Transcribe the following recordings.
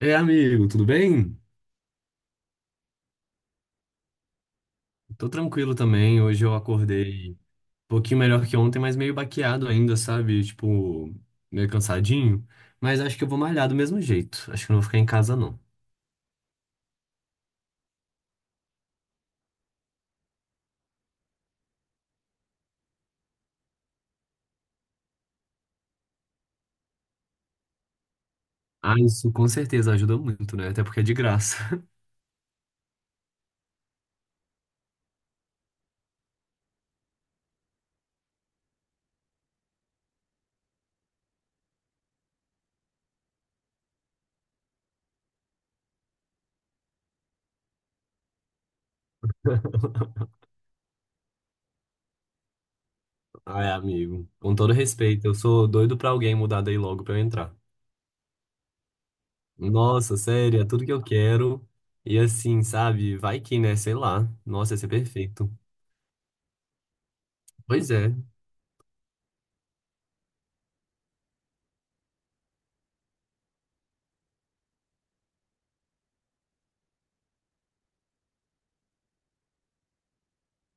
É, amigo, tudo bem? Tô tranquilo também. Hoje eu acordei um pouquinho melhor que ontem, mas meio baqueado ainda, sabe? Tipo, meio cansadinho. Mas acho que eu vou malhar do mesmo jeito. Acho que eu não vou ficar em casa, não. Ah, isso com certeza ajuda muito, né? Até porque é de graça. Ai, amigo, com todo respeito, eu sou doido pra alguém mudar daí logo pra eu entrar. Nossa, sério, é tudo que eu quero. E assim, sabe? Vai que, né? Sei lá. Nossa, ia ser perfeito. Pois é.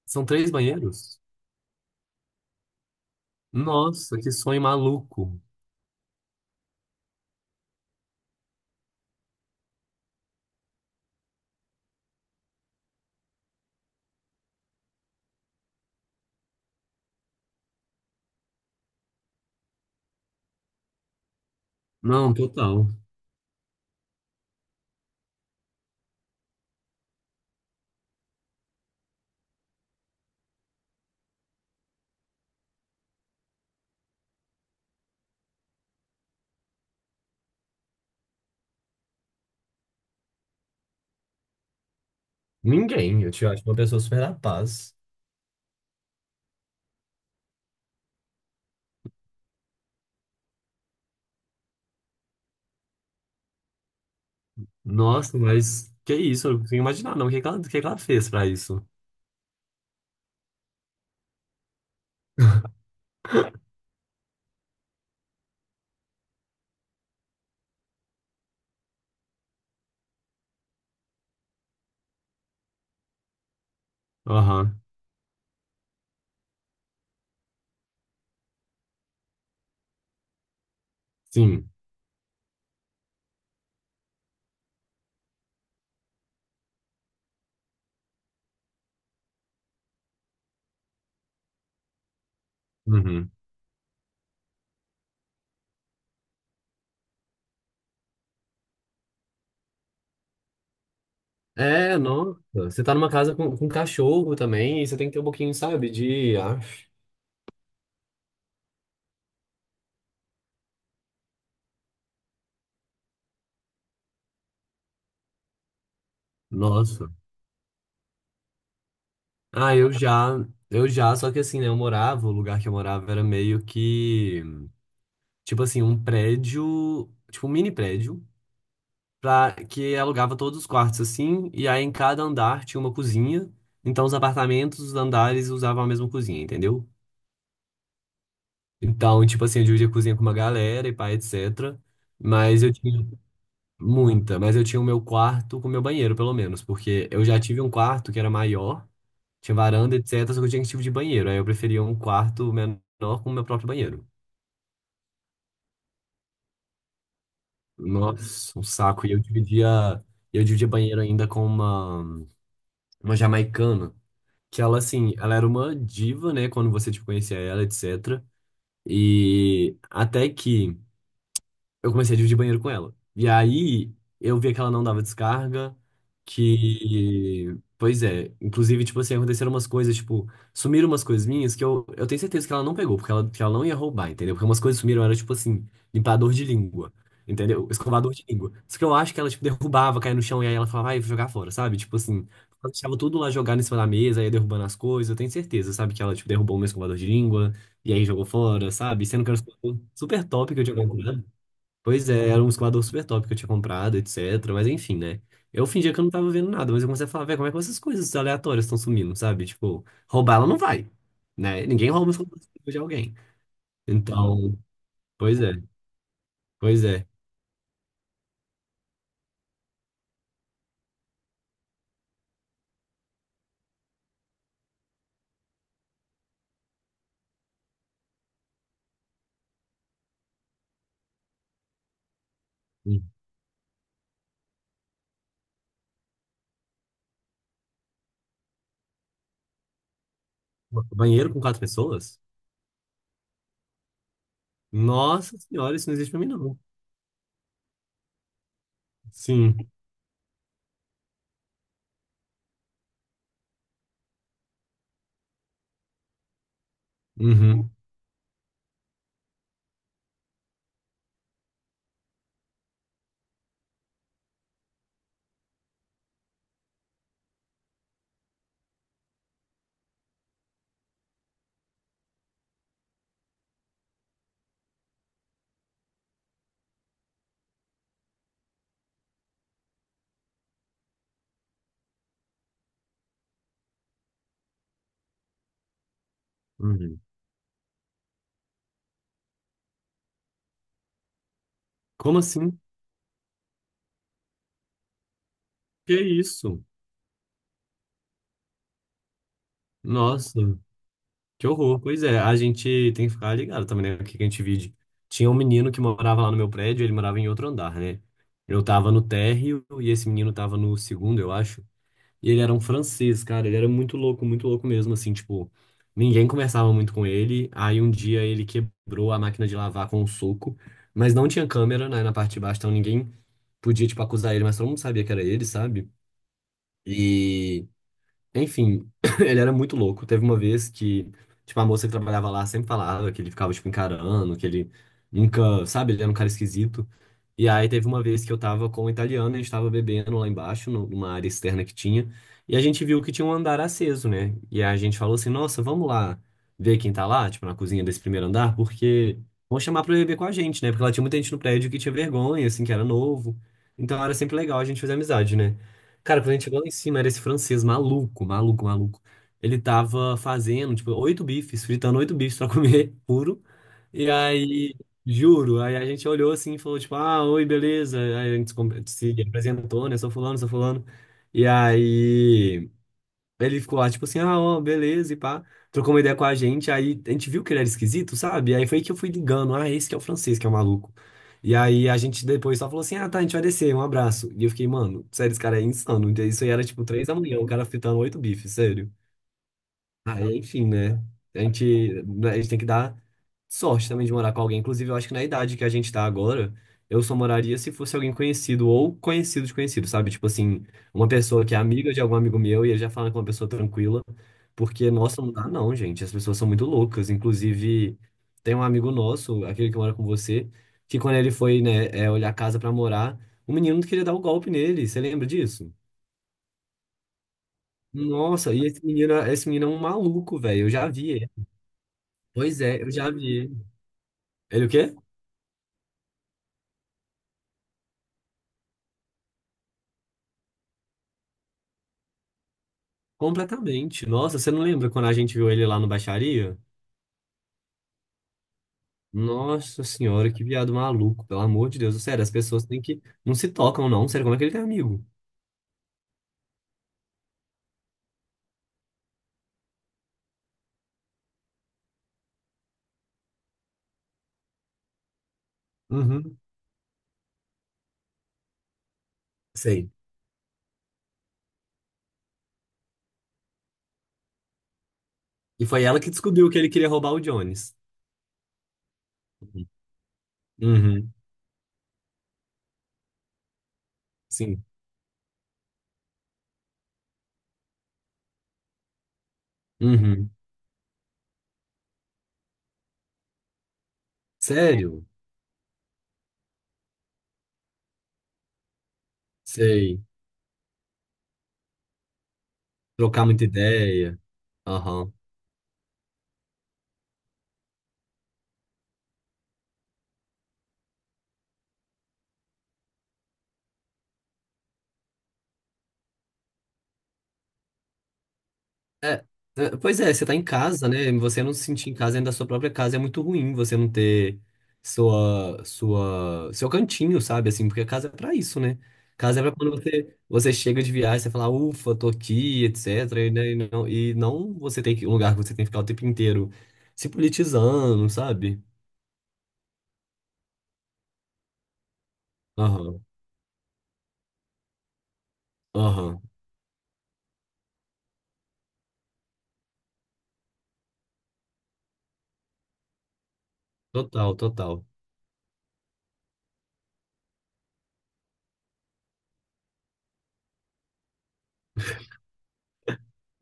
São três banheiros? Nossa, que sonho maluco. Não, total. Ninguém. Eu te acho uma pessoa super da paz. Nossa, mas que isso? Eu não consigo imaginar, não. O que que ela fez pra isso? Aham. Sim. Uhum. É, nossa. Você tá numa casa com cachorro também, e você tem que ter um pouquinho, sabe, de. Nossa. Ah, eu já. Eu já, só que assim, né? Eu morava, o lugar que eu morava era meio que. Tipo assim, um prédio. Tipo, um mini prédio. Pra, que alugava todos os quartos assim, e aí em cada andar tinha uma cozinha. Então os apartamentos, os andares usavam a mesma cozinha, entendeu? Então, tipo assim, eu dividia a cozinha com uma galera e pá, etc. Mas eu tinha mas eu tinha o meu quarto com o meu banheiro, pelo menos, porque eu já tive um quarto que era maior, tinha varanda, etc, só que eu tinha que tipo de banheiro. Aí eu preferia um quarto menor com o meu próprio banheiro. Nossa, um saco. E eu dividia banheiro ainda com uma jamaicana. Que ela, assim, ela era uma diva, né? Quando você, tipo, conhecia ela, etc. E até que eu comecei a dividir banheiro com ela. E aí eu via que ela não dava descarga, que. Pois é, inclusive, tipo assim, aconteceram umas coisas, tipo, sumiram umas coisas minhas que eu tenho certeza que ela não pegou, porque ela, que ela não ia roubar, entendeu? Porque umas coisas sumiram, era tipo assim, limpador de língua, entendeu? Escovador de língua. Só que eu acho que ela, tipo, derrubava, caía no chão, e aí ela falava, vai, vou jogar fora, sabe? Tipo assim, ela deixava tudo lá jogado em cima da mesa, ia derrubando as coisas, eu tenho certeza, sabe? Que ela, tipo, derrubou o meu escovador de língua, e aí jogou fora, sabe? Sendo que era um escovador super top que eu tinha comprado. Pois é, era um escoador super top que eu tinha comprado, etc. Mas enfim, né? Eu fingia que eu não tava vendo nada, mas eu comecei a falar, velho, como é que essas coisas aleatórias estão sumindo, sabe? Tipo, roubar ela não vai, né? Ninguém rouba o celular de alguém. Então, pois é, pois é. Um banheiro com quatro pessoas? Nossa senhora, isso não existe pra mim, não. Sim. Uhum. Uhum. Como assim? Que isso? Nossa. Que horror. Pois é, a gente tem que ficar ligado também, né? O que que a gente vive. Tinha um menino que morava lá no meu prédio, ele morava em outro andar, né? Eu tava no térreo e esse menino tava no segundo, eu acho. E ele era um francês, cara. Ele era muito louco mesmo, assim, tipo, ninguém conversava muito com ele. Aí um dia ele quebrou a máquina de lavar com um soco, mas não tinha câmera, né, na parte de baixo, então ninguém podia, tipo, acusar ele, mas todo mundo sabia que era ele, sabe? E enfim, ele era muito louco. Teve uma vez que, tipo, a moça que trabalhava lá sempre falava que ele ficava, tipo, encarando, que ele nunca, sabe, ele era um cara esquisito. E aí teve uma vez que eu tava com o italiano, a gente tava bebendo lá embaixo, numa área externa que tinha, e a gente viu que tinha um andar aceso, né? E aí a gente falou assim, nossa, vamos lá ver quem tá lá, tipo, na cozinha desse primeiro andar, porque vão chamar pra beber com a gente, né? Porque lá tinha muita gente no prédio que tinha vergonha, assim, que era novo. Então era sempre legal a gente fazer amizade, né? Cara, quando a gente chegou lá em cima, era esse francês maluco, maluco, maluco. Ele tava fazendo, tipo, oito bifes, fritando oito bifes pra comer puro. E aí, juro, aí a gente olhou assim e falou, tipo, ah, oi, beleza. Aí a gente se apresentou, né? Sou fulano, sou fulano. E aí. Ele ficou lá, tipo assim, ah, ó, beleza, e pá. Trocou uma ideia com a gente, aí a gente viu que ele era esquisito, sabe? Aí foi que eu fui ligando, ah, esse que é o francês, que é o maluco. E aí a gente depois só falou assim, ah, tá, a gente vai descer, um abraço. E eu fiquei, mano, sério, esse cara é insano. Isso aí era tipo 3 da manhã, o cara fritando oito bifes, sério. Aí, enfim, né? A gente, né, a gente tem que dar sorte também de morar com alguém. Inclusive, eu acho que na idade que a gente tá agora, eu só moraria se fosse alguém conhecido ou conhecido de conhecido, sabe? Tipo assim, uma pessoa que é amiga de algum amigo meu e ele já fala com uma pessoa tranquila. Porque, nossa, não dá não, gente. As pessoas são muito loucas. Inclusive, tem um amigo nosso, aquele que mora com você, que quando ele foi, né, olhar a casa pra morar, o menino queria dar o golpe nele. Você lembra disso? Nossa, e esse menino é um maluco, velho. Eu já vi. Pois é, eu já vi. Ele o quê? Completamente. Nossa, você não lembra quando a gente viu ele lá no Baixaria? Nossa senhora, que viado maluco, pelo amor de Deus. Sério, as pessoas têm que. Não se tocam, não. Sério, como é que ele tem amigo? Uhum. Sei. E foi ela que descobriu que ele queria roubar o Jones. Uhum. Uhum. Sim. Uhum. Sério? Sei. Trocar muita ideia. Aham. É, é, pois é, você tá em casa, né? Você não se sentir em casa dentro da sua própria casa é muito ruim. Você não ter seu cantinho, sabe? Assim, porque a casa é pra isso, né? Casa é pra quando você chega de viagem, você fala, ufa, tô aqui, etc. E, né, e não você tem que, um lugar que você tem que ficar o tempo inteiro se politizando, sabe? Aham, aham. Total, total.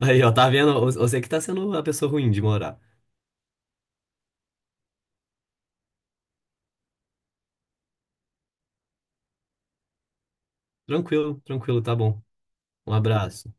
Aí, ó, tá vendo? Você que tá sendo a pessoa ruim de morar. Tranquilo, tranquilo, tá bom. Um abraço.